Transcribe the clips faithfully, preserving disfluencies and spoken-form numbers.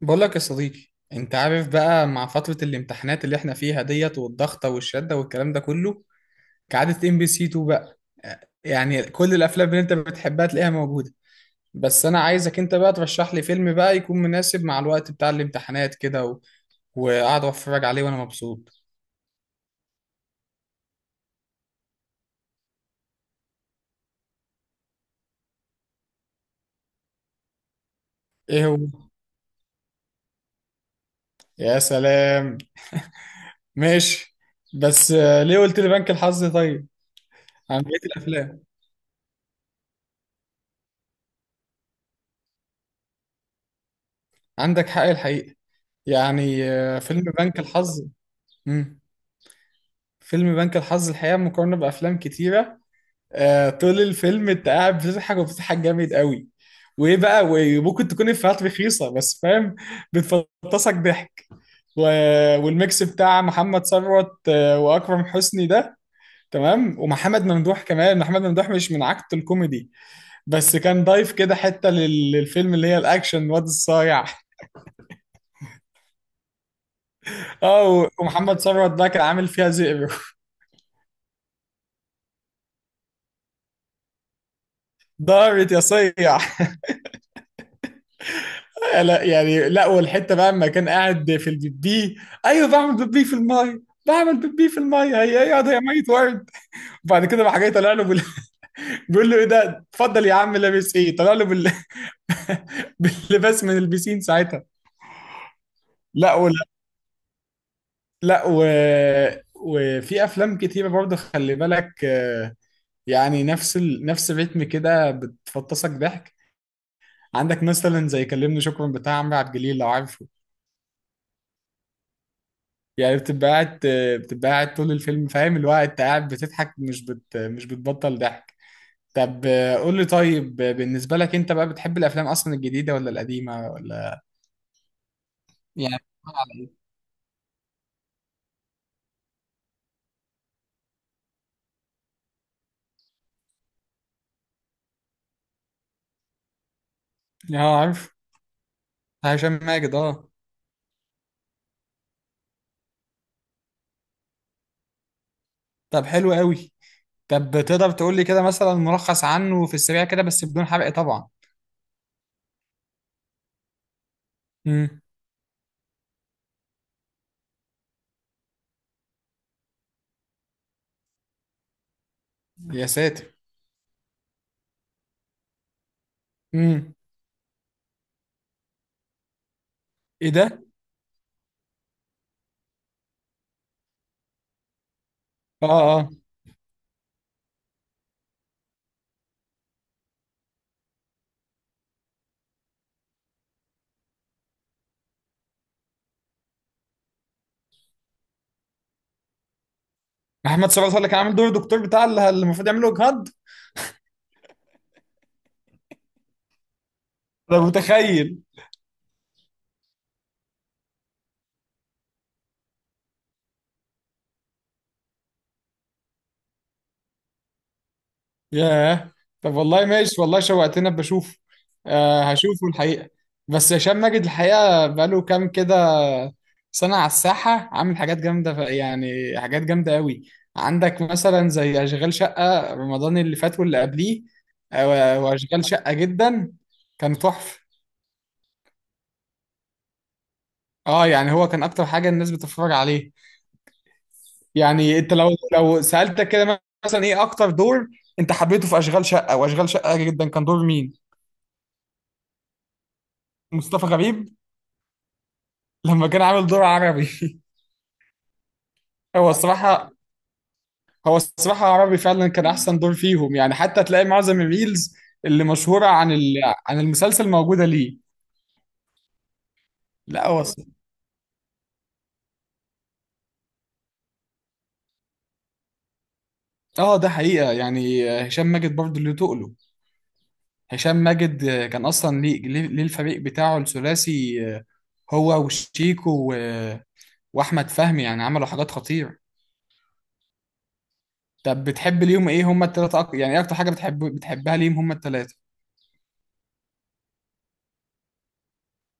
بقول لك يا صديقي، انت عارف بقى، مع فترة الامتحانات اللي احنا فيها ديت والضغطة والشدة والكلام ده كله، كعادة ام بي سي اتنين بقى. آه، يعني كل الافلام اللي انت بتحبها تلاقيها موجودة. بس انا عايزك انت بقى ترشح لي فيلم بقى يكون مناسب مع الوقت بتاع الامتحانات كده و... وقاعد اتفرج عليه وانا مبسوط. ايه هو؟ يا سلام، ماشي. بس آه، ليه قلت لي بنك الحظ طيب؟ عن بقية الافلام. عندك حق الحقيقة. يعني آه، فيلم بنك الحظ. مم. فيلم بنك الحظ الحقيقة مقارنة بأفلام كتيرة. آه طول الفيلم أنت قاعد بتضحك وبتضحك جامد قوي، وإيه بقى، وممكن تكون إفيهات رخيصة بس فاهم، بتفطسك ضحك. و... والميكس بتاع محمد ثروت، آه، وأكرم حسني ده، تمام، ومحمد ممدوح كمان. محمد ممدوح مش من عكت الكوميدي، بس كان ضايف كده حتة لل- للفيلم، اللي هي الأكشن واد الصايع. اه، ومحمد ثروت ده كان عامل فيها زئبق. دارت يا صيع. لا، يعني لا، والحته بقى لما كان قاعد في البيبي، ايوه، بعمل بيبي في الميه، بعمل بيبي في الميه، هي ايه ده يا ميت ورد؟ وبعد كده راح جاي طالع له بال... بيقول له ايه ده، اتفضل يا عم، لابس ايه؟ طلع له بال... باللباس من البسين ساعتها. لا، ولا. لا و... وفي افلام كتيره برضه خلي بالك، آه، يعني نفس ال... نفس الريتم كده بتفطسك ضحك. عندك مثلا زي كلمني شكرا بتاع عمرو عبد الجليل، لو عارفه. يعني بتبقى قاعد بتبقى قاعد طول الفيلم، فاهم، اللي هو انت قاعد بتضحك، مش بت مش بتبطل ضحك. طب آه، قول لي طيب، آه، بالنسبة لك انت بقى، بتحب الافلام اصلا الجديدة ولا القديمة، ولا؟ يعني بتتفرج على ايه؟ اه، عارف. هشام ماجد، اه. طب حلو قوي. طب تقدر تقول لي كده مثلا ملخص عنه في السريع كده، بس بدون حرق طبعا. امم. يا ساتر. امم. ايه ده؟ اه. اه. محمد صبحي هو اللي كان عامل دور الدكتور، بتاع اللي اللي المفروض يعمله جهاد. ده متخيل. ياه. طب والله ماشي، والله شوقتنا بشوفه. آه هشوفه الحقيقة. بس هشام ماجد الحقيقة بقاله كام كده سنة على الساحة، عامل حاجات جامدة، ف- يعني حاجات جامدة قوي. عندك مثلا زي أشغال شقة رمضان اللي فات واللي قبليه. آه، وأشغال شقة جدا كان تحفة. اه، يعني هو كان أكتر حاجة الناس بتتفرج عليه. يعني أنت لو لو سألتك كده مثلا، إيه أكتر دور أنت حبيته في أشغال شقة وأشغال شقة جدا؟ كان دور مين؟ مصطفى غريب. لما كان عامل دور عربي. هو الصراحة هو الصراحة عربي فعلا كان أحسن دور فيهم، يعني حتى تلاقي معظم الريلز اللي مشهورة عن ال... عن المسلسل موجودة ليه. لا. هو الص- اه، ده حقيقة، يعني هشام ماجد برضه اللي تقله، هشام ماجد كان أصلا ليه. ليه ليه الفريق بتاعه الثلاثي، آه، هو وشيكو و... وأحمد فهمي، يعني عملوا حاجات خطيرة. طب بتحب ليهم إيه هما التلاتة؟ أك... يعني إيه أكتر حاجة بتحب بتحبها ليهم هما التلاتة؟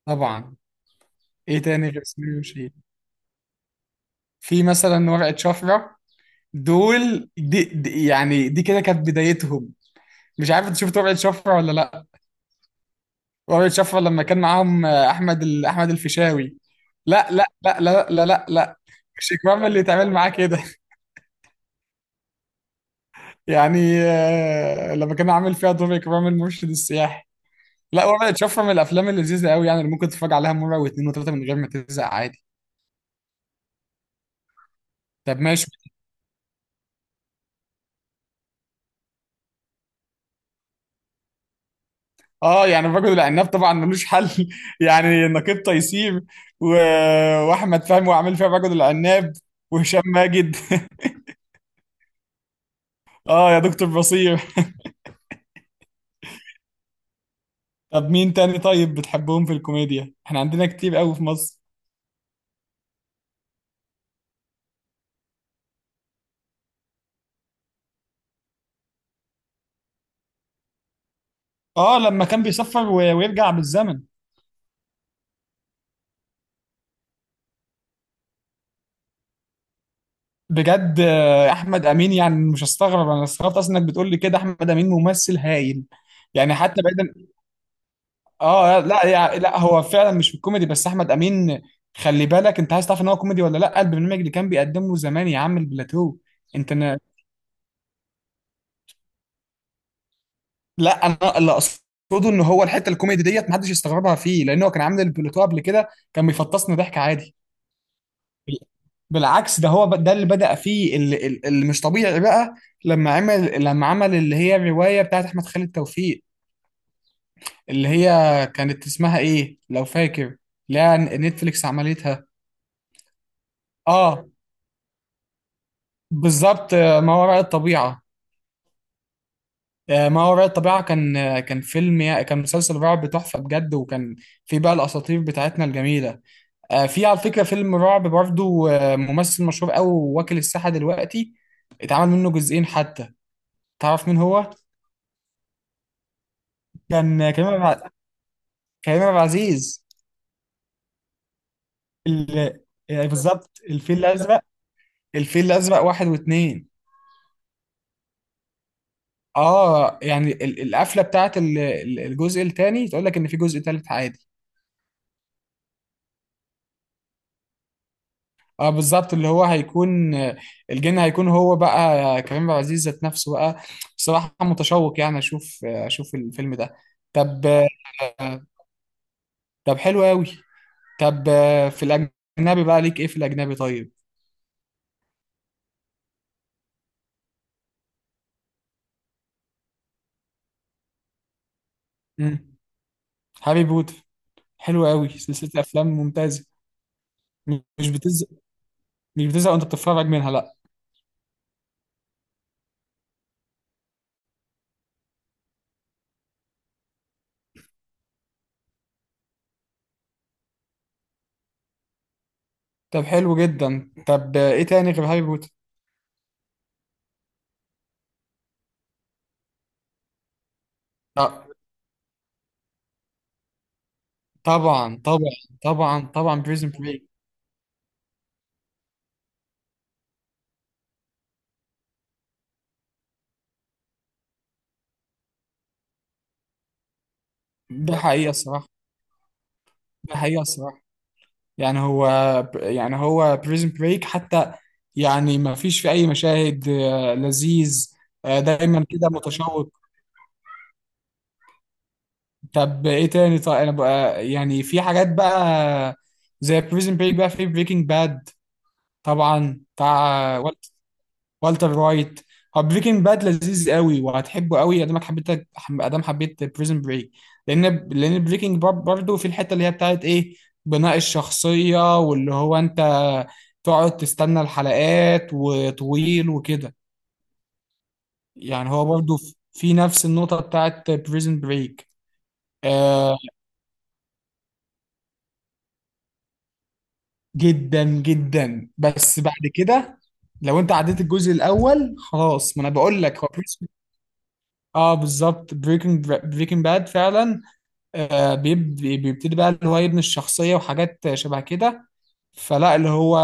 طبعا. إيه تاني غير سمير وشيكو؟ في مثلا ورقة شفرة، دول دي, دي يعني دي كده كانت بدايتهم. مش عارف انت شفت ورقة شفرة ولا لا. ورقة شفرة لما كان معاهم آه، احمد ال... احمد الفيشاوي. لا، لا، لا، لا، لا، لا، لا. مش اكرام اللي يتعمل معاه كده؟ يعني آه، لما كان عامل فيها دور اكرام المرشد السياحي. لا، ورقة شفرة من الافلام اللذيذة قوي، يعني اللي ممكن تتفرج عليها مرة واثنين وثلاثة من غير ما تزهق عادي. طب ماشي. اه، يعني الرجل العناب طبعا ملوش حل. يعني نقيب تيسير و... واحمد فهمي، وعامل فيها الرجل العناب، وهشام ماجد. اه، يا دكتور بصير. طب مين تاني طيب بتحبهم في الكوميديا؟ احنا عندنا كتير قوي في مصر. اه، لما كان بيسافر و... ويرجع بالزمن. بجد، آه، احمد امين. يعني مش هستغرب، انا استغربت اصلا انك بتقول لي كده، احمد امين ممثل هايل. يعني حتى بعيدا. اه، لا، يعني لا، هو فعلا مش كوميدي، بس احمد امين، خلي بالك انت، عايز تعرف ان هو كوميدي ولا لا؟ البرنامج اللي كان بيقدمه زمان يا عم، البلاتو. انت نا... لا، انا اللي اقصده ان هو الحته الكوميدي ديت محدش يستغربها فيه، لان هو كان عامل البلاتو قبل كده كان بيفطسنا ضحك عادي. بالعكس ده هو، ب- ده اللي بدأ فيه، اللي, اللي اللي مش طبيعي بقى. لما عمل لما عمل اللي هي الروايه بتاعت احمد خالد توفيق، اللي هي كانت اسمها ايه لو فاكر؟ لا، نتفليكس عملتها. اه بالظبط، آه، ما وراء الطبيعة. آه، ما وراء الطبيعة كان، آه، كان فيلم يا- كان مسلسل رعب تحفة بجد، وكان في بقى الأساطير بتاعتنا الجميلة. آه، في على فكرة فيلم رعب برضو، آه، ممثل مشهور أوي واكل الساحة دلوقتي، اتعمل منه جزئين حتى. تعرف مين هو؟ كان آه، كريم عبد الع- كريم عبد العزيز. ال- يعني بالظبط الفيل الأزرق. الفيل الأزرق واحد واتنين. اه، يعني ال- القفلة بتاعت ال- ال- الجزء التاني تقول لك إن في جزء تالت عادي. اه، بالظبط، اللي هو هيكون، الجن هيكون هو بقى كريم عبد العزيز ذات نفسه بقى. بصراحة متشوق، يعني اشوف اشوف الفيلم ده. طب. طب حلو قوي. طب. في الاجنبي بقى ليك ايه في الاجنبي طيب؟ امم. هاري بوتر. حلو قوي، سلسلة افلام ممتازة. مش بتزهق مش بتزهق وانت بتتفرج منها لا. طب حلو جدا. طب ايه تاني غير هاري بوتر؟ آه، طبعا، طبعا. طبعا، طبعا، بريزن بريك. ده حقيقة الصراحة ده حقيقة الصراحة. يعني هو يعني هو بريزن بريك حتى. يعني ما فيش في اي مشاهد آه، لذيذ. آه، دايما كده متشوق. طب ايه تاني طيب انا بقى، يعني في حاجات بقى زي بريزن بريك، بقى في بريكنج باد. طبعا، بتاع والتر وايت. هو بريكنج باد لذيذ قوي وهتحبه قوي، ادامك حبيت، ادام حبيت بريزن بريك. لان لان بريكنج باد برضه في الحته اللي هي بتاعت ايه، بناء الشخصيه، واللي هو انت تقعد تستنى الحلقات وطويل وكده. يعني هو برضه في في نفس النقطه بتاعت بريزن بريك. آه جدا جدا، بس بعد كده لو انت عديت الجزء الاول خلاص. ما انا بقول لك هو بريزن. اه، بالظبط، بريكنج بريكنج باد فعلا. آه، بيب- بيبتدي بقى اللي هو يبني الشخصية وحاجات شبه كده. فلا، اللي هو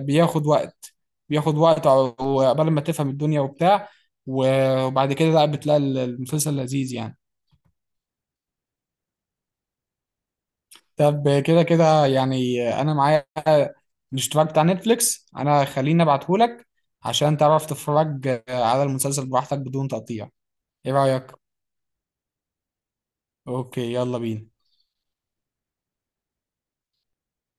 بياخد وقت، بياخد وقت ع- وقبل ما تفهم الدنيا وبتاع. و- وبعد كده لا، بتلاقي ال- المسلسل لذيذ يعني. طب كده كده، يعني انا معايا الاشتراك بتاع نتفليكس، انا خليني ابعتهولك عشان تعرف تتفرج على المسلسل براحتك بدون تقطيع. ايه رأيك؟ اوكي، يلا بينا.